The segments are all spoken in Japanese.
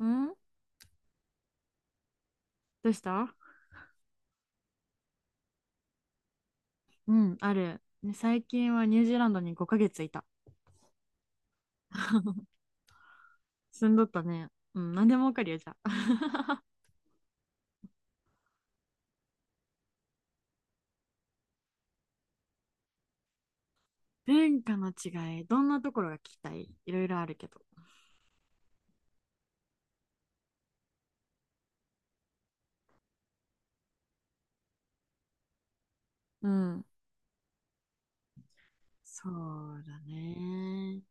ん。どうした？うん、ある。ね、最近はニュージーランドに5ヶ月いた。住んどったね。うん、何でもわかるよ、じゃあ。文化の違い、どんなところが聞きたい？いろいろあるけど。うん。そうだね。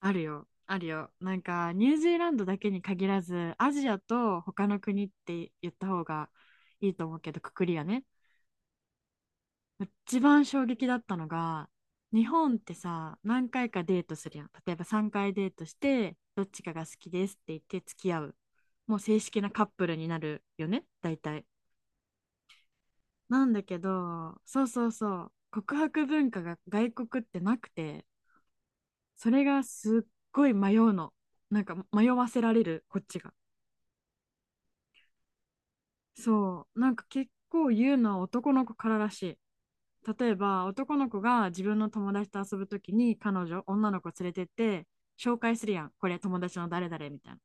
あるよ、あるよ。なんか、ニュージーランドだけに限らず、アジアと他の国って言った方がいいと思うけど、くくりがね。一番衝撃だったのが、日本ってさ、何回かデートするやん。例えば3回デートして、どっちかが好きですって言って付き合う。もう正式なカップルになるよね、大体。なんだけど、そうそうそう、告白文化が外国ってなくて、それがすっごい迷うの。なんか迷わせられる、こっちが。そう、なんか結構言うのは男の子かららしい。例えば男の子が自分の友達と遊ぶときに彼女、女の子連れてって紹介するやん。これ友達の誰々みたいな。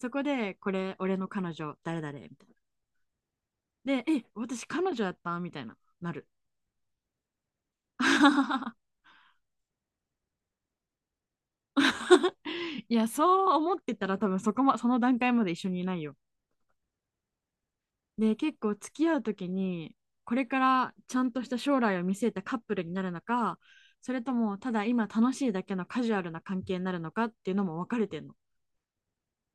そこでこれ俺の彼女誰々みたいな。で、え、私彼女やったみたいな。なる。いや、そう思ってたら多分その段階まで一緒にいないよ。で、結構付き合うときに、これからちゃんとした将来を見据えたカップルになるのか、それともただ今楽しいだけのカジュアルな関係になるのかっていうのも分かれてんの。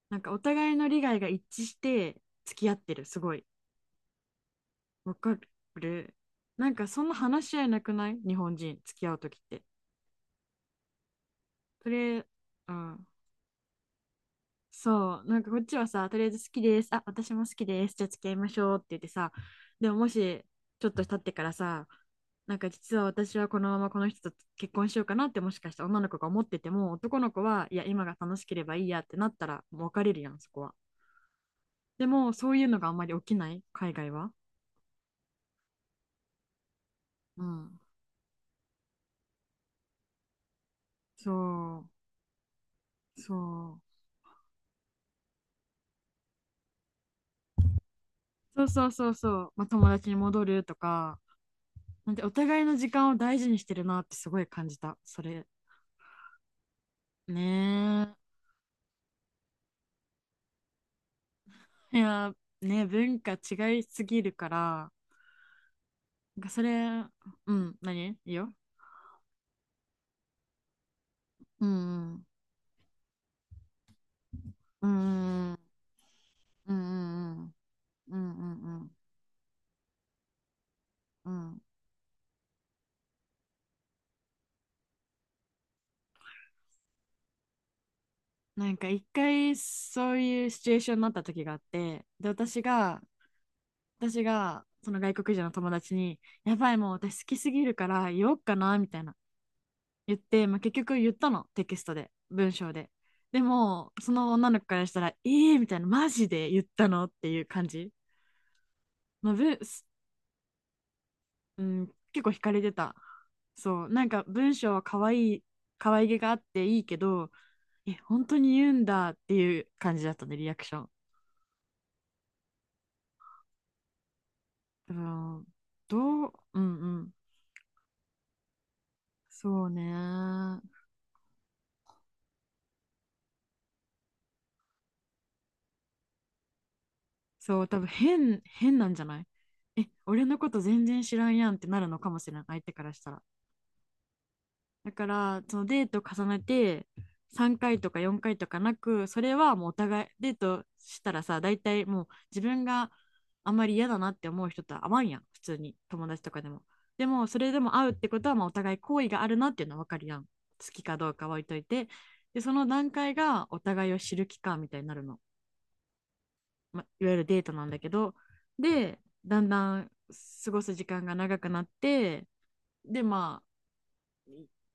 なんかお互いの利害が一致して付き合ってる、すごい。分かる。なんかそんな話し合いなくない？日本人、付き合うときって。それ、うん。そう、なんかこっちはさ、とりあえず好きです。あ、私も好きです。じゃあ付き合いましょうって言ってさ、でももし、ちょっと経ってからさ、なんか実は私はこのままこの人と結婚しようかなってもしかしたら女の子が思ってても、男の子は、いや、今が楽しければいいやってなったら、もう別れるやん、そこは。でも、そういうのがあんまり起きない、海外は。うん。そう、そう。そうそうそうそう。まあ、友達に戻るとか、なんてお互いの時間を大事にしてるなってすごい感じた、それ。ね。いや、ね、文化違いすぎるから、なんかそれ、うん、何？いいよ。うんうんうんうんうんうんうんうんうんうん。なんか一回そういうシチュエーションになった時があって、で、私がその外国人の友達に、やばい、もう私好きすぎるから言おうかな、みたいな言って、まあ、結局言ったの、テキストで、文章で。でも、その女の子からしたら、ええー、みたいな、マジで言ったの？っていう感じ。まあ、うん、結構惹かれてた。そう、なんか文章は可愛い、可愛げがあっていいけど、え、本当に言うんだっていう感じだったね、リアクション。うん、どう、うんうん。そうね。そう、多分変なんじゃない？え、俺のこと全然知らんやんってなるのかもしれない、相手からしたら。だからそのデート重ねて3回とか4回とかなく、それはもうお互いデートしたらさ、大体もう自分があんまり嫌だなって思う人と会わんやん、普通に、友達とかでも。でもそれでも会うってことは、まあお互い好意があるなっていうのは分かるやん、好きかどうかは置いといて。で、その段階がお互いを知る期間みたいになるの、まあ、いわゆるデートなんだけど。で、だんだん過ごす時間が長くなって、で、まあ、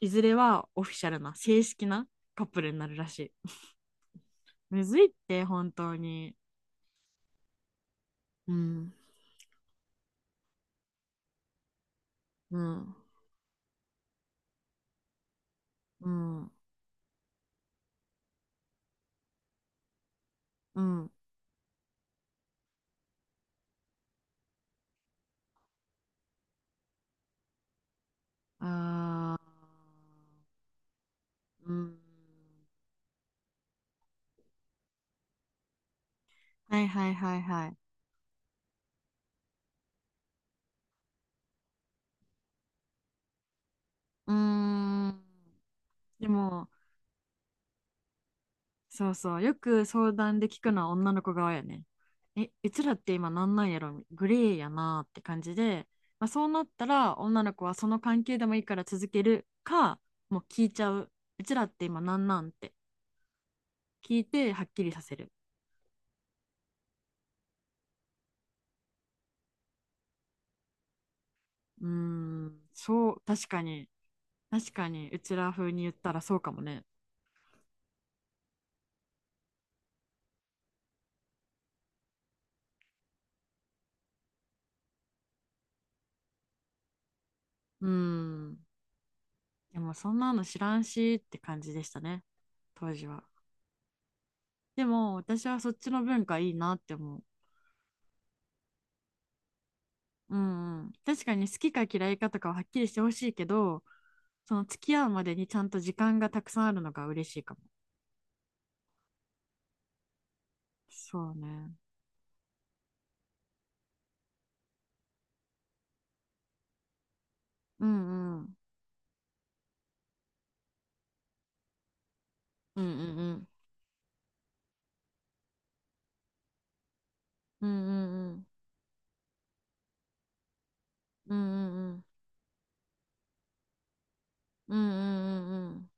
いずれはオフィシャルな正式なカップルになるらしい。むずいって本当に。うんうんうんうん。あー、うん。はいはいはいはい。うーん。でもそうそう、よく相談で聞くのは女の子側やね。え、うちらって今なんなんやろ、グレーやなって感じで、まあ、そうなったら女の子はその関係でもいいから続けるか、もう聞いちゃう。うちらって今なんなんって聞いてはっきりさせる。うーん、そう、確かに、確かに、うちら風に言ったらそうかもね。うーん、でもそんなの知らんしって感じでしたね、当時は。でも私はそっちの文化いいなって思う。うんうん、確かに好きか嫌いかとかははっきりしてほしいけど、その付き合うまでにちゃんと時間がたくさんあるのが嬉しいかも。そうね。うんうん。うんうんうん。うんうんうん。うんうんうん。うんうんうんうん。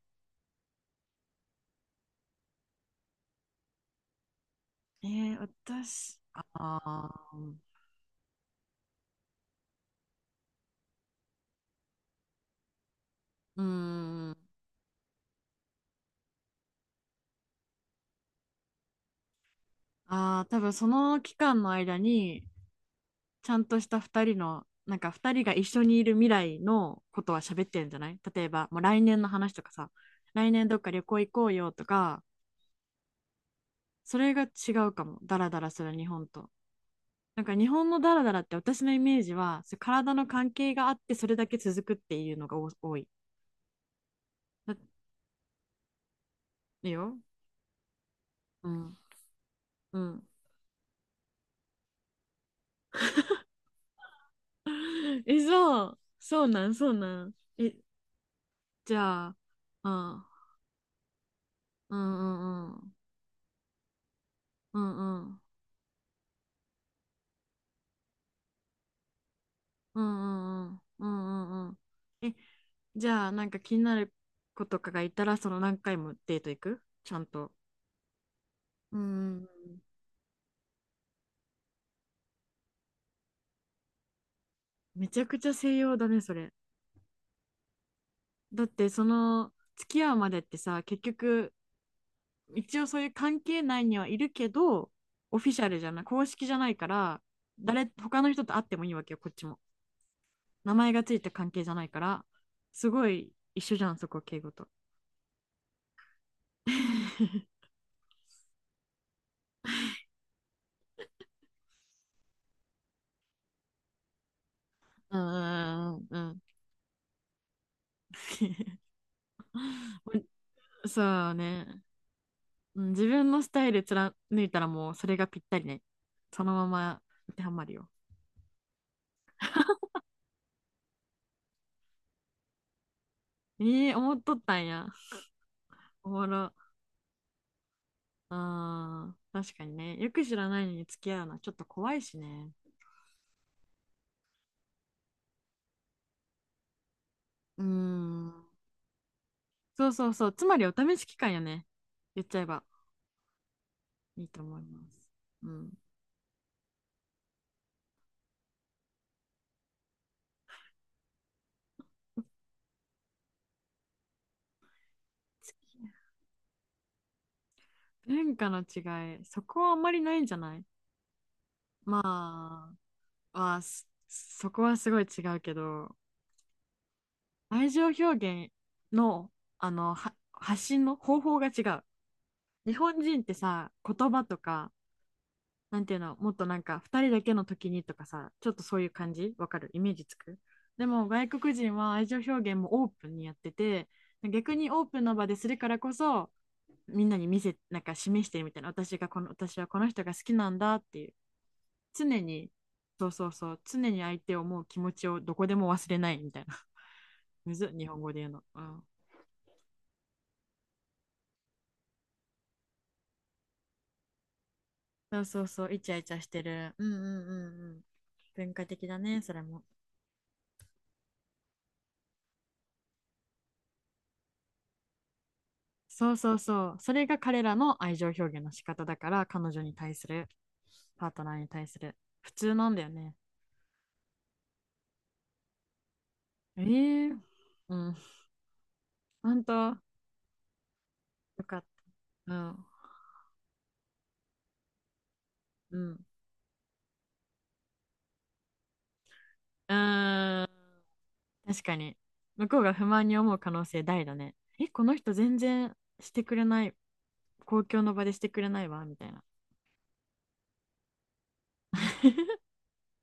私、あー、うーん、あー、多分その期間の間に、ちゃんとした2人の、なんか2人が一緒にいる未来のことは喋ってるんじゃない？例えば、もう来年の話とかさ、来年どっか旅行行こうよとか、それが違うかも、ダラダラする日本と。なんか日本のダラダラって私のイメージは、そう、体の関係があってそれだけ続くっていうのが多い。だってよ。うん。うん。え、そう。そうなん、そうなん。え、じゃあ、うん、うんうんうん、うんうん、うんうんうん、うんうんうん。え、じゃあ、なんか気になる子とかがいたら、その何回もデート行く？ちゃんと。うん、めちゃくちゃ西洋だね、それ。だって、その、付き合うまでってさ、結局、一応そういう関係内にはいるけど、オフィシャルじゃない、公式じゃないから、他の人と会ってもいいわけよ、こっちも。名前がついた関係じゃないから、すごい一緒じゃん、そこ、敬語と。うんうんうんうん。そうね。うん、自分のスタイル貫いたらもうそれがぴったりね。そのまま当てはまるよ。ええ、思っとったんや。おもろ。うん。確かにね。よく知らないのに付き合うのはちょっと怖いしね。うん。そうそうそう。つまりお試し期間よね。言っちゃえばいいと思います。うん。付き合う文化の違い。そこはあんまりないんじゃない？まあ。は、そこはすごい違うけど、愛情表現のは発信の方法が違う。日本人ってさ、言葉とかなんていうの、もっとなんか2人だけの時にとかさ、ちょっとそういう感じわかる？イメージつく？でも外国人は愛情表現もオープンにやってて、逆にオープンの場でするからこそ、みんなに見せ、なんか示してるみたいな、私はこの人が好きなんだっていう、常に。そうそうそう、常に相手を思う気持ちをどこでも忘れないみたいな。むずっ、日本語で言うの。うん。そうそうそう、イチャイチャしてる。うんうんうんうん。文化的だね、それも。そうそうそう。それが彼らの愛情表現の仕方だから、彼女に対する、パートナーに対する。普通なんだよね。ええ。うん。ほんと、よかった。うん。うん。うーん。確かに。向こうが不満に思う可能性大だね。え、この人全然してくれない。公共の場でしてくれないわ、みたいな。